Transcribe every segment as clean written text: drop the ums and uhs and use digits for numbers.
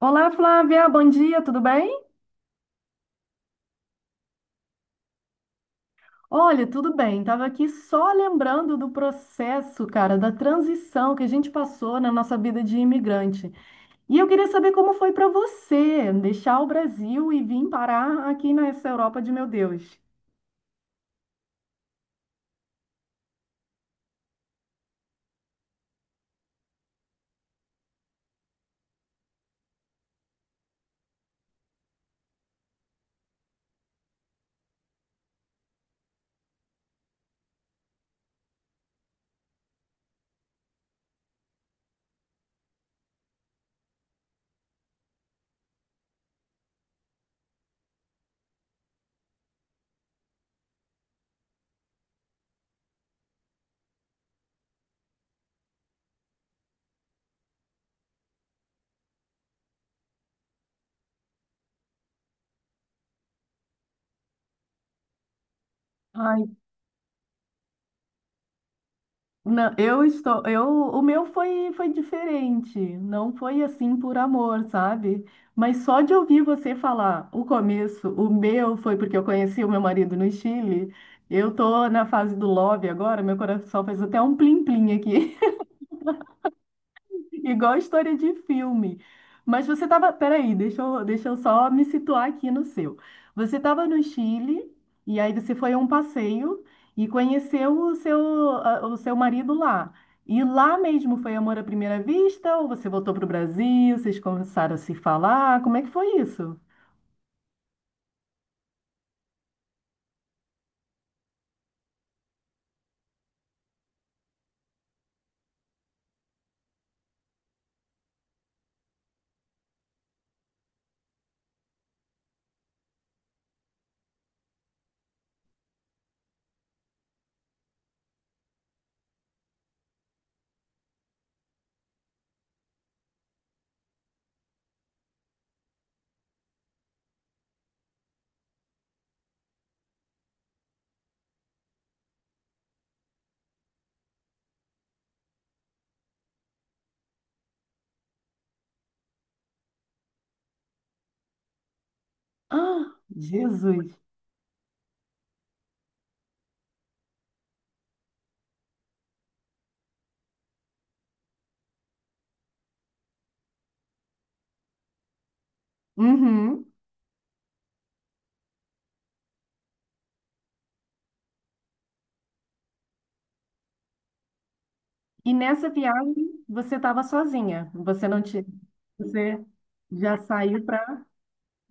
Olá, Flávia, bom dia, tudo bem? Olha, tudo bem. Tava aqui só lembrando do processo, cara, da transição que a gente passou na nossa vida de imigrante. E eu queria saber como foi para você deixar o Brasil e vir parar aqui nessa Europa de meu Deus. Ai, não, o meu foi diferente, não foi assim por amor, sabe? Mas só de ouvir você falar o começo, o meu foi porque eu conheci o meu marido no Chile. Eu tô na fase do love agora, meu coração faz até um plim-plim aqui. Igual história de filme. Mas você estava. Peraí, deixa eu só me situar aqui no seu. Você estava no Chile, e aí você foi a um passeio e conheceu o seu marido lá. E lá mesmo foi amor à primeira vista? Ou você voltou para o Brasil? Vocês começaram a se falar? Como é que foi isso? Ah, Jesus! Uhum. E nessa viagem você estava sozinha. Você não tinha. Você já saiu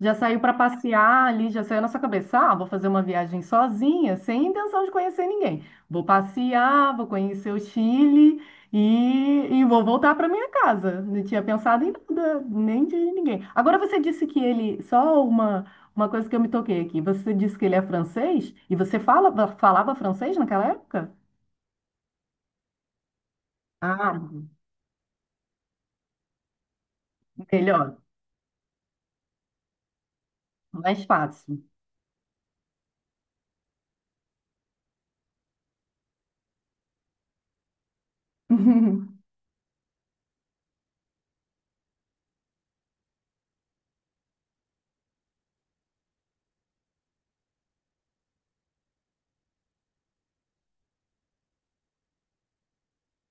Já saiu para passear ali, já saiu na sua cabeça, ah, vou fazer uma viagem sozinha, sem intenção de conhecer ninguém. Vou passear, vou conhecer o Chile e vou voltar para minha casa. Não tinha pensado em nada, nem de ninguém. Agora você disse que ele, uma coisa que eu me toquei aqui, você disse que ele é francês e você falava francês naquela época? Ah, melhor, mais fácil.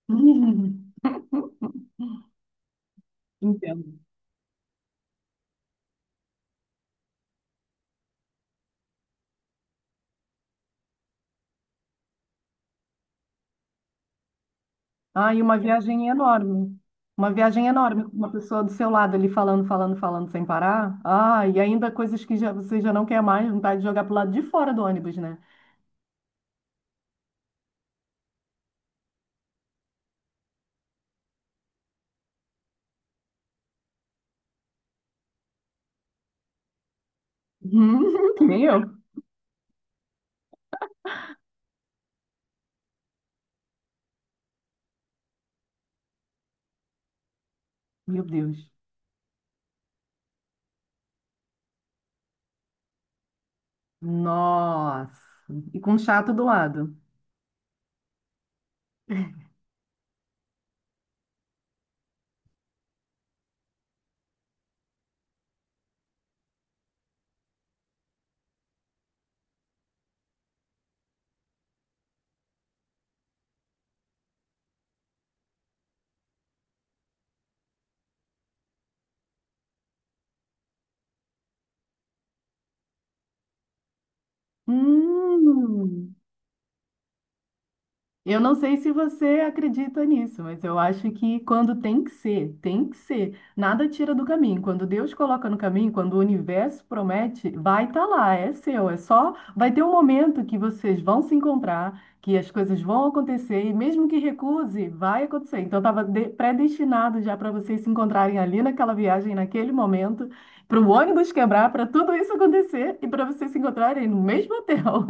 Entendo. Ah, e uma viagem enorme. Uma viagem enorme, com uma pessoa do seu lado ali falando, falando, falando sem parar. Ah, e ainda coisas que já, você já não quer mais, vontade de jogar pro lado de fora do ônibus, né? Que nem eu. Meu Deus. Nossa. E com um chato do lado. Hum. Eu não sei se você acredita nisso, mas eu acho que quando tem que ser, tem que ser. Nada tira do caminho. Quando Deus coloca no caminho, quando o universo promete, vai estar lá, é seu. É só, vai ter um momento que vocês vão se encontrar, que as coisas vão acontecer e mesmo que recuse, vai acontecer. Então estava predestinado já para vocês se encontrarem ali naquela viagem, naquele momento, para o ônibus quebrar, para tudo isso acontecer e para vocês se encontrarem no mesmo hotel.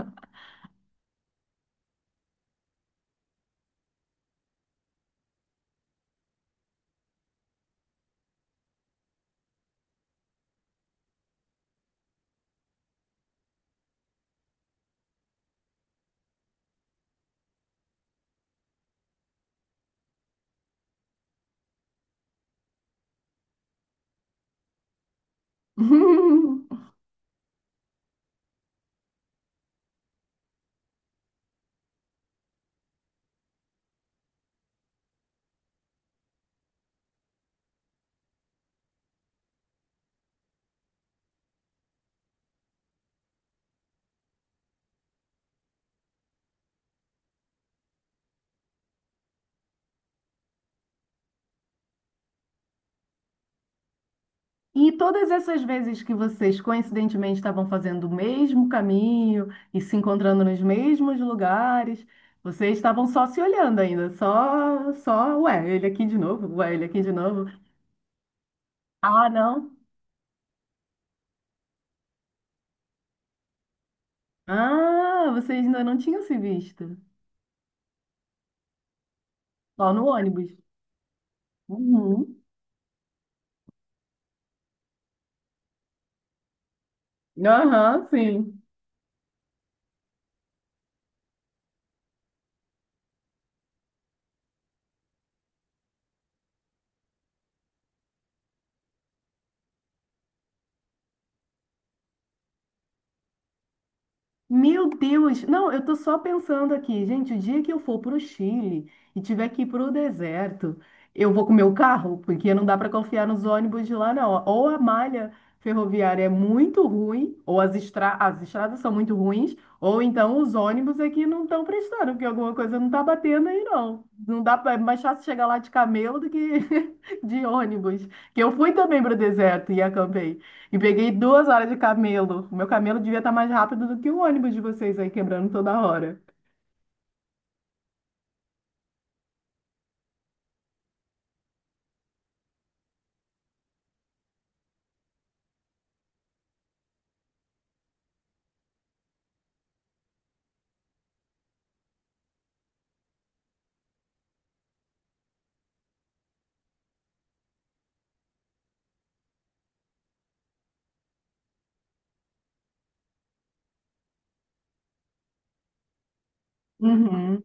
E todas essas vezes que vocês coincidentemente estavam fazendo o mesmo caminho e se encontrando nos mesmos lugares, vocês estavam só se olhando ainda, só, ué, ele aqui de novo, ué, ele aqui de novo. Ah, não. Ah, vocês ainda não tinham se visto. Só no ônibus. Uhum. Aham, sim. Meu Deus! Não, eu tô só pensando aqui, gente, o dia que eu for pro Chile e tiver que ir pro deserto, eu vou com meu carro, porque não dá para confiar nos ônibus de lá, não. Ou a malha ferroviária é muito ruim, ou as estradas são muito ruins, ou então os ônibus aqui não estão prestando, porque alguma coisa não tá batendo aí, não. Não dá pra... É mais fácil chegar lá de camelo do que de ônibus. Que eu fui também pro deserto e acampei. E peguei 2 horas de camelo. O meu camelo devia estar mais rápido do que o ônibus de vocês aí quebrando toda hora. Uhum.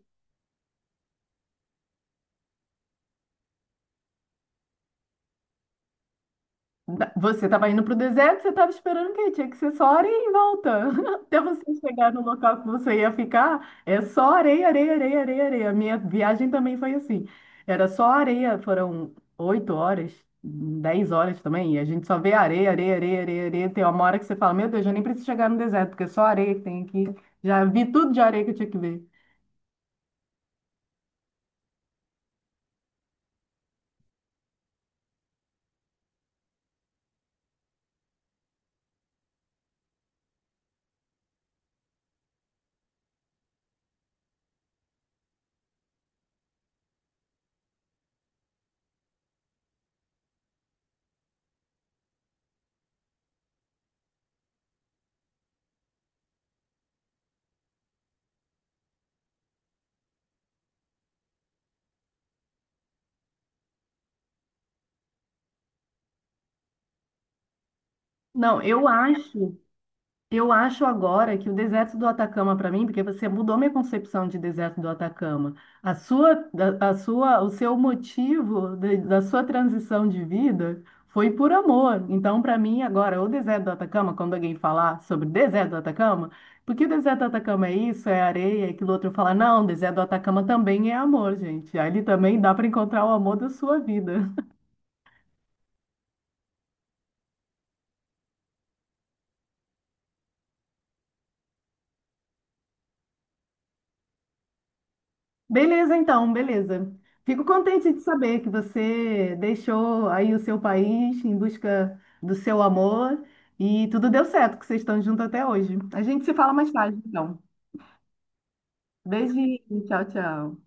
Você estava indo para o deserto, você estava esperando o quê? Tinha que ser só areia em volta. Até você chegar no local que você ia ficar, é só areia, areia, areia, areia, areia. A minha viagem também foi assim. Era só areia, foram 8 horas, 10 horas também, e a gente só vê areia, areia, areia, areia, areia. Tem uma hora que você fala, meu Deus, eu nem preciso chegar no deserto, porque é só areia que tem aqui. Já vi tudo de areia que eu tinha que ver. Não, eu acho agora que o deserto do Atacama para mim, porque você mudou minha concepção de deserto do Atacama. A sua, a sua, o seu motivo da sua transição de vida foi por amor. Então, para mim agora, o deserto do Atacama, quando alguém falar sobre o deserto do Atacama, porque o deserto do Atacama é isso, é areia, é aquilo outro fala, não, o deserto do Atacama também é amor, gente. Ali também dá para encontrar o amor da sua vida. Beleza, então, beleza. Fico contente de saber que você deixou aí o seu país em busca do seu amor e tudo deu certo, que vocês estão juntos até hoje. A gente se fala mais tarde, então. Beijinho, tchau, tchau.